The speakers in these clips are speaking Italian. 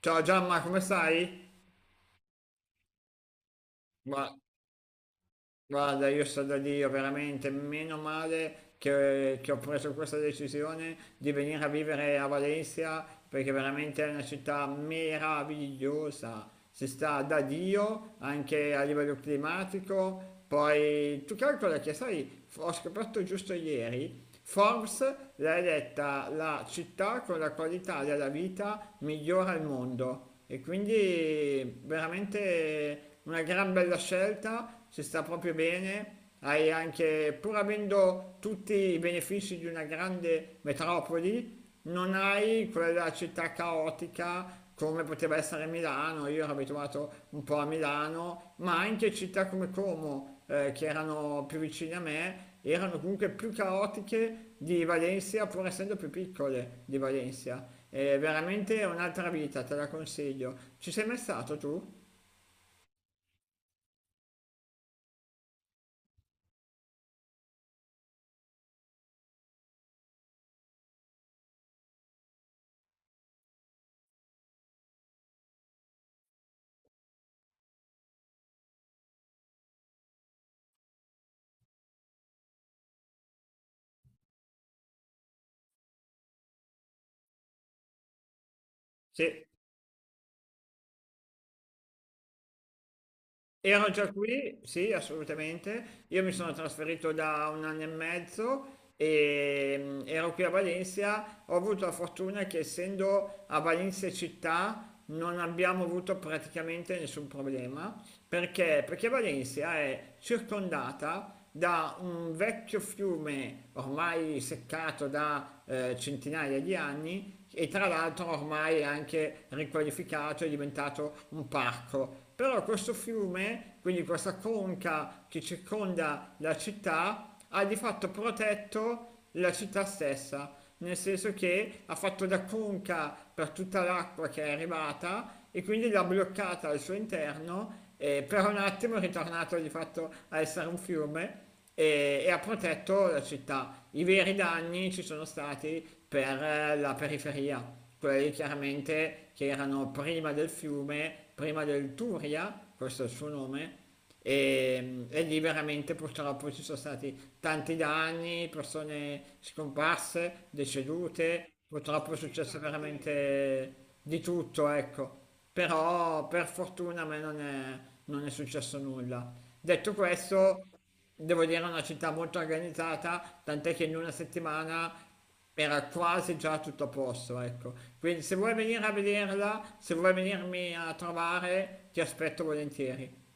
Ciao Giamma, come stai? Ma guarda, io sto da Dio, veramente, meno male che ho preso questa decisione di venire a vivere a Valencia, perché veramente è una città meravigliosa. Si sta da Dio anche a livello climatico. Poi tu calcola che, sai, ho scoperto giusto ieri, Forbes l'ha eletta la città con la qualità della vita migliore al mondo. E quindi veramente una gran bella scelta, ci sta proprio bene, hai anche, pur avendo tutti i benefici di una grande metropoli, non hai quella città caotica come poteva essere Milano, io ero abituato un po' a Milano, ma anche città come Como, che erano più vicine a me, erano comunque più caotiche di Valencia, pur essendo più piccole di Valencia. È veramente un'altra vita, te la consiglio. Ci sei mai stato tu? Sì. Ero già qui, sì, assolutamente. Io mi sono trasferito da un anno e mezzo e ero qui a Valencia. Ho avuto la fortuna che essendo a Valencia città non abbiamo avuto praticamente nessun problema. Perché? Perché Valencia è circondata da un vecchio fiume ormai seccato da centinaia di anni e tra l'altro ormai anche riqualificato è diventato un parco. Però questo fiume, quindi questa conca che circonda la città, ha di fatto protetto la città stessa nel senso che ha fatto da conca per tutta l'acqua che è arrivata e quindi l'ha bloccata al suo interno e per un attimo è ritornato di fatto a essere un fiume e ha protetto la città. I veri danni ci sono stati per la periferia, quelli chiaramente che erano prima del fiume, prima del Turia, questo è il suo nome, e lì veramente purtroppo ci sono stati tanti danni, persone scomparse, decedute, purtroppo è successo veramente di tutto, ecco. Però per fortuna a me non è successo nulla. Detto questo, devo dire è una città molto organizzata, tant'è che in una settimana era quasi già tutto a posto, ecco. Quindi se vuoi venire a vederla, se vuoi venirmi a trovare, ti aspetto volentieri.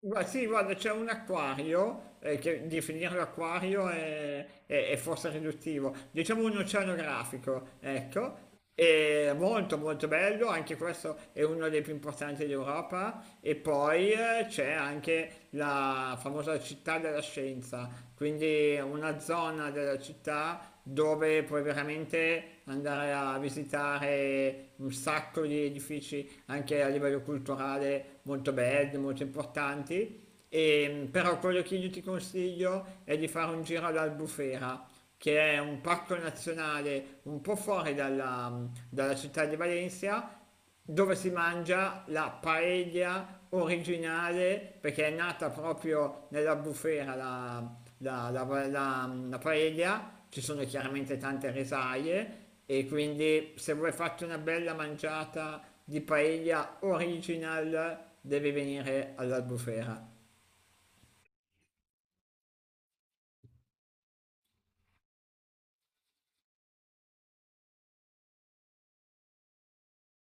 Sì, guarda, c'è un acquario, che definirlo acquario è forse riduttivo, diciamo un oceanografico, ecco, è molto molto bello, anche questo è uno dei più importanti d'Europa, e poi c'è anche la famosa città della scienza, quindi una zona della città dove puoi veramente andare a visitare un sacco di edifici anche a livello culturale molto belli, molto importanti. Però quello che io ti consiglio è di fare un giro all'Albufera, che è un parco nazionale un po' fuori dalla città di Valencia, dove si mangia la paella originale, perché è nata proprio nella bufera la paella, ci sono chiaramente tante risaie e quindi se vuoi farti una bella mangiata di paella original devi venire all'Albufera.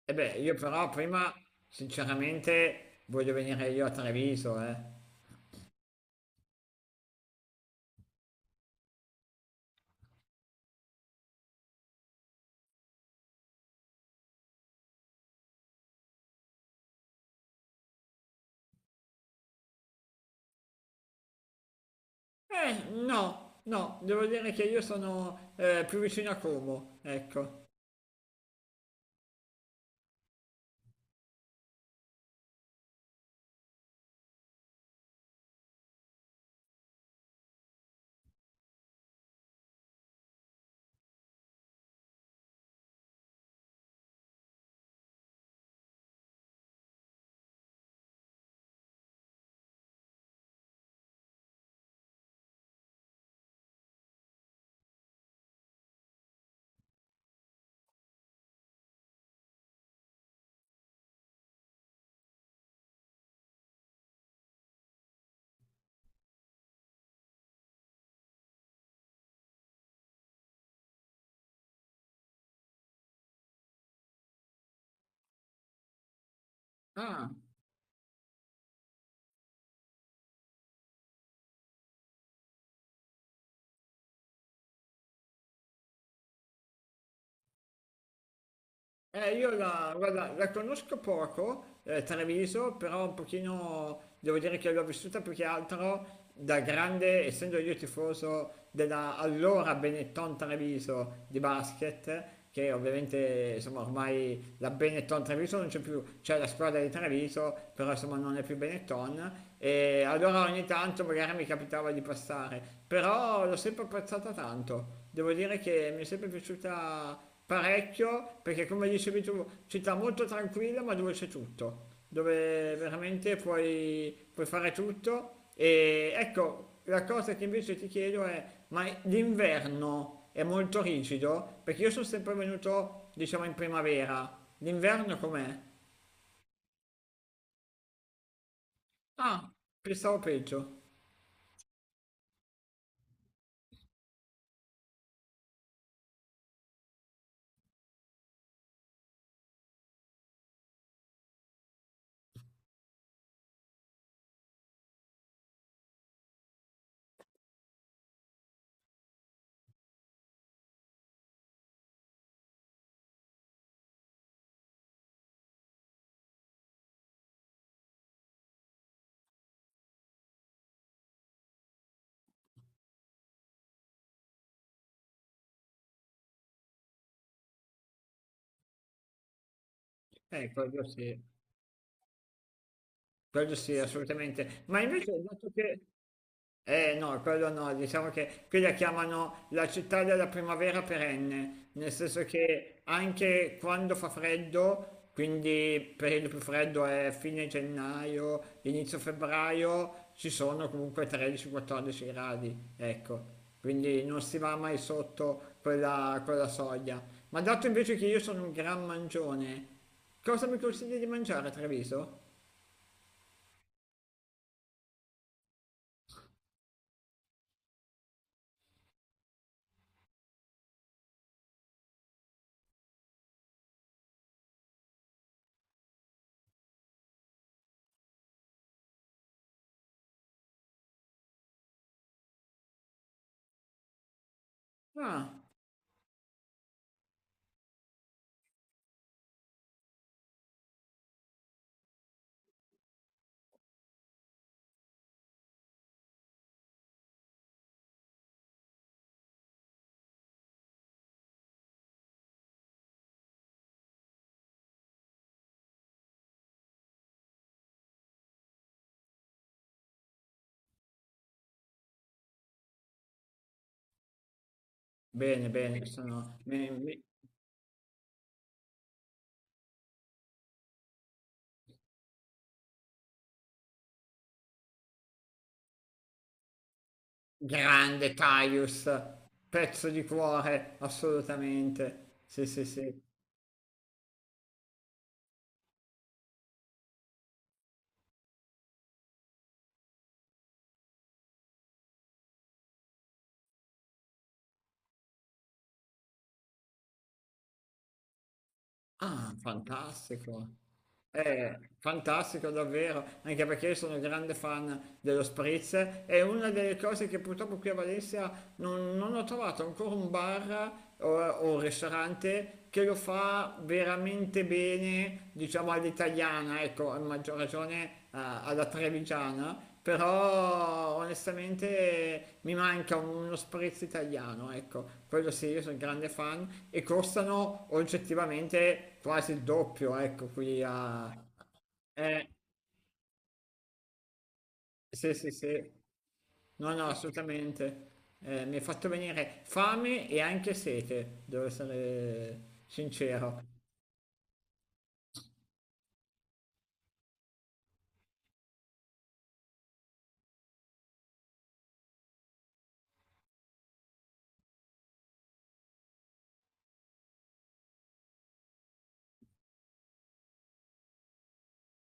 E beh, io però prima sinceramente voglio venire io a Treviso, eh. No, no, devo dire che io sono più vicino a Como, ecco. Ah. Io guarda, la conosco poco, Treviso, però un pochino devo dire che l'ho vissuta più che altro da grande, essendo io tifoso della allora Benetton Treviso di basket, che ovviamente insomma ormai la Benetton Treviso non c'è più, c'è la squadra di Treviso, però insomma non è più Benetton, e allora ogni tanto magari mi capitava di passare, però l'ho sempre apprezzata tanto, devo dire che mi è sempre piaciuta parecchio perché come dicevi tu, città molto tranquilla ma dove c'è tutto, dove veramente puoi fare tutto e ecco, la cosa che invece ti chiedo è, ma l'inverno è molto rigido? Perché io sono sempre venuto, diciamo, in primavera, l'inverno com'è? Pensavo peggio. Ecco, quello sì. Quello sì, assolutamente. Ma invece, dato che... Eh no, quello no, diciamo che qui la chiamano la città della primavera perenne, nel senso che anche quando fa freddo, quindi il periodo più freddo è fine gennaio, inizio febbraio, ci sono comunque 13-14 gradi, ecco, quindi non si va mai sotto quella soglia. Ma dato invece che io sono un gran mangione, cosa mi consigli di mangiare a Treviso? Ah. Bene, bene, grande Caius, pezzo di cuore, assolutamente. Sì, sì, sì. Ah, fantastico. Fantastico davvero, anche perché io sono grande fan dello spritz. È una delle cose che purtroppo qui a Valencia non ho trovato ancora un bar o un ristorante che lo fa veramente bene, diciamo all'italiana, ecco, a maggior ragione alla trevigiana. Però onestamente mi manca uno spritz italiano, ecco, quello sì, io sono grande fan e costano oggettivamente quasi il doppio, ecco, qui a... Eh, sì, sì, sì, no, no, assolutamente. Mi hai fatto venire fame e anche sete, devo essere sincero.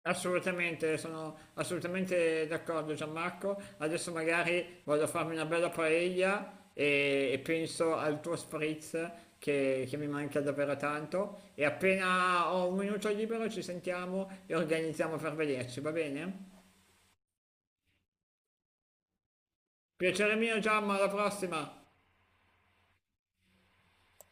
Assolutamente, sono assolutamente d'accordo Gianmarco. Adesso magari vado a farmi una bella paella e penso al tuo spritz che mi manca davvero tanto. E appena ho un minuto libero ci sentiamo e organizziamo per vederci, va bene? Piacere mio Gianma, alla prossima!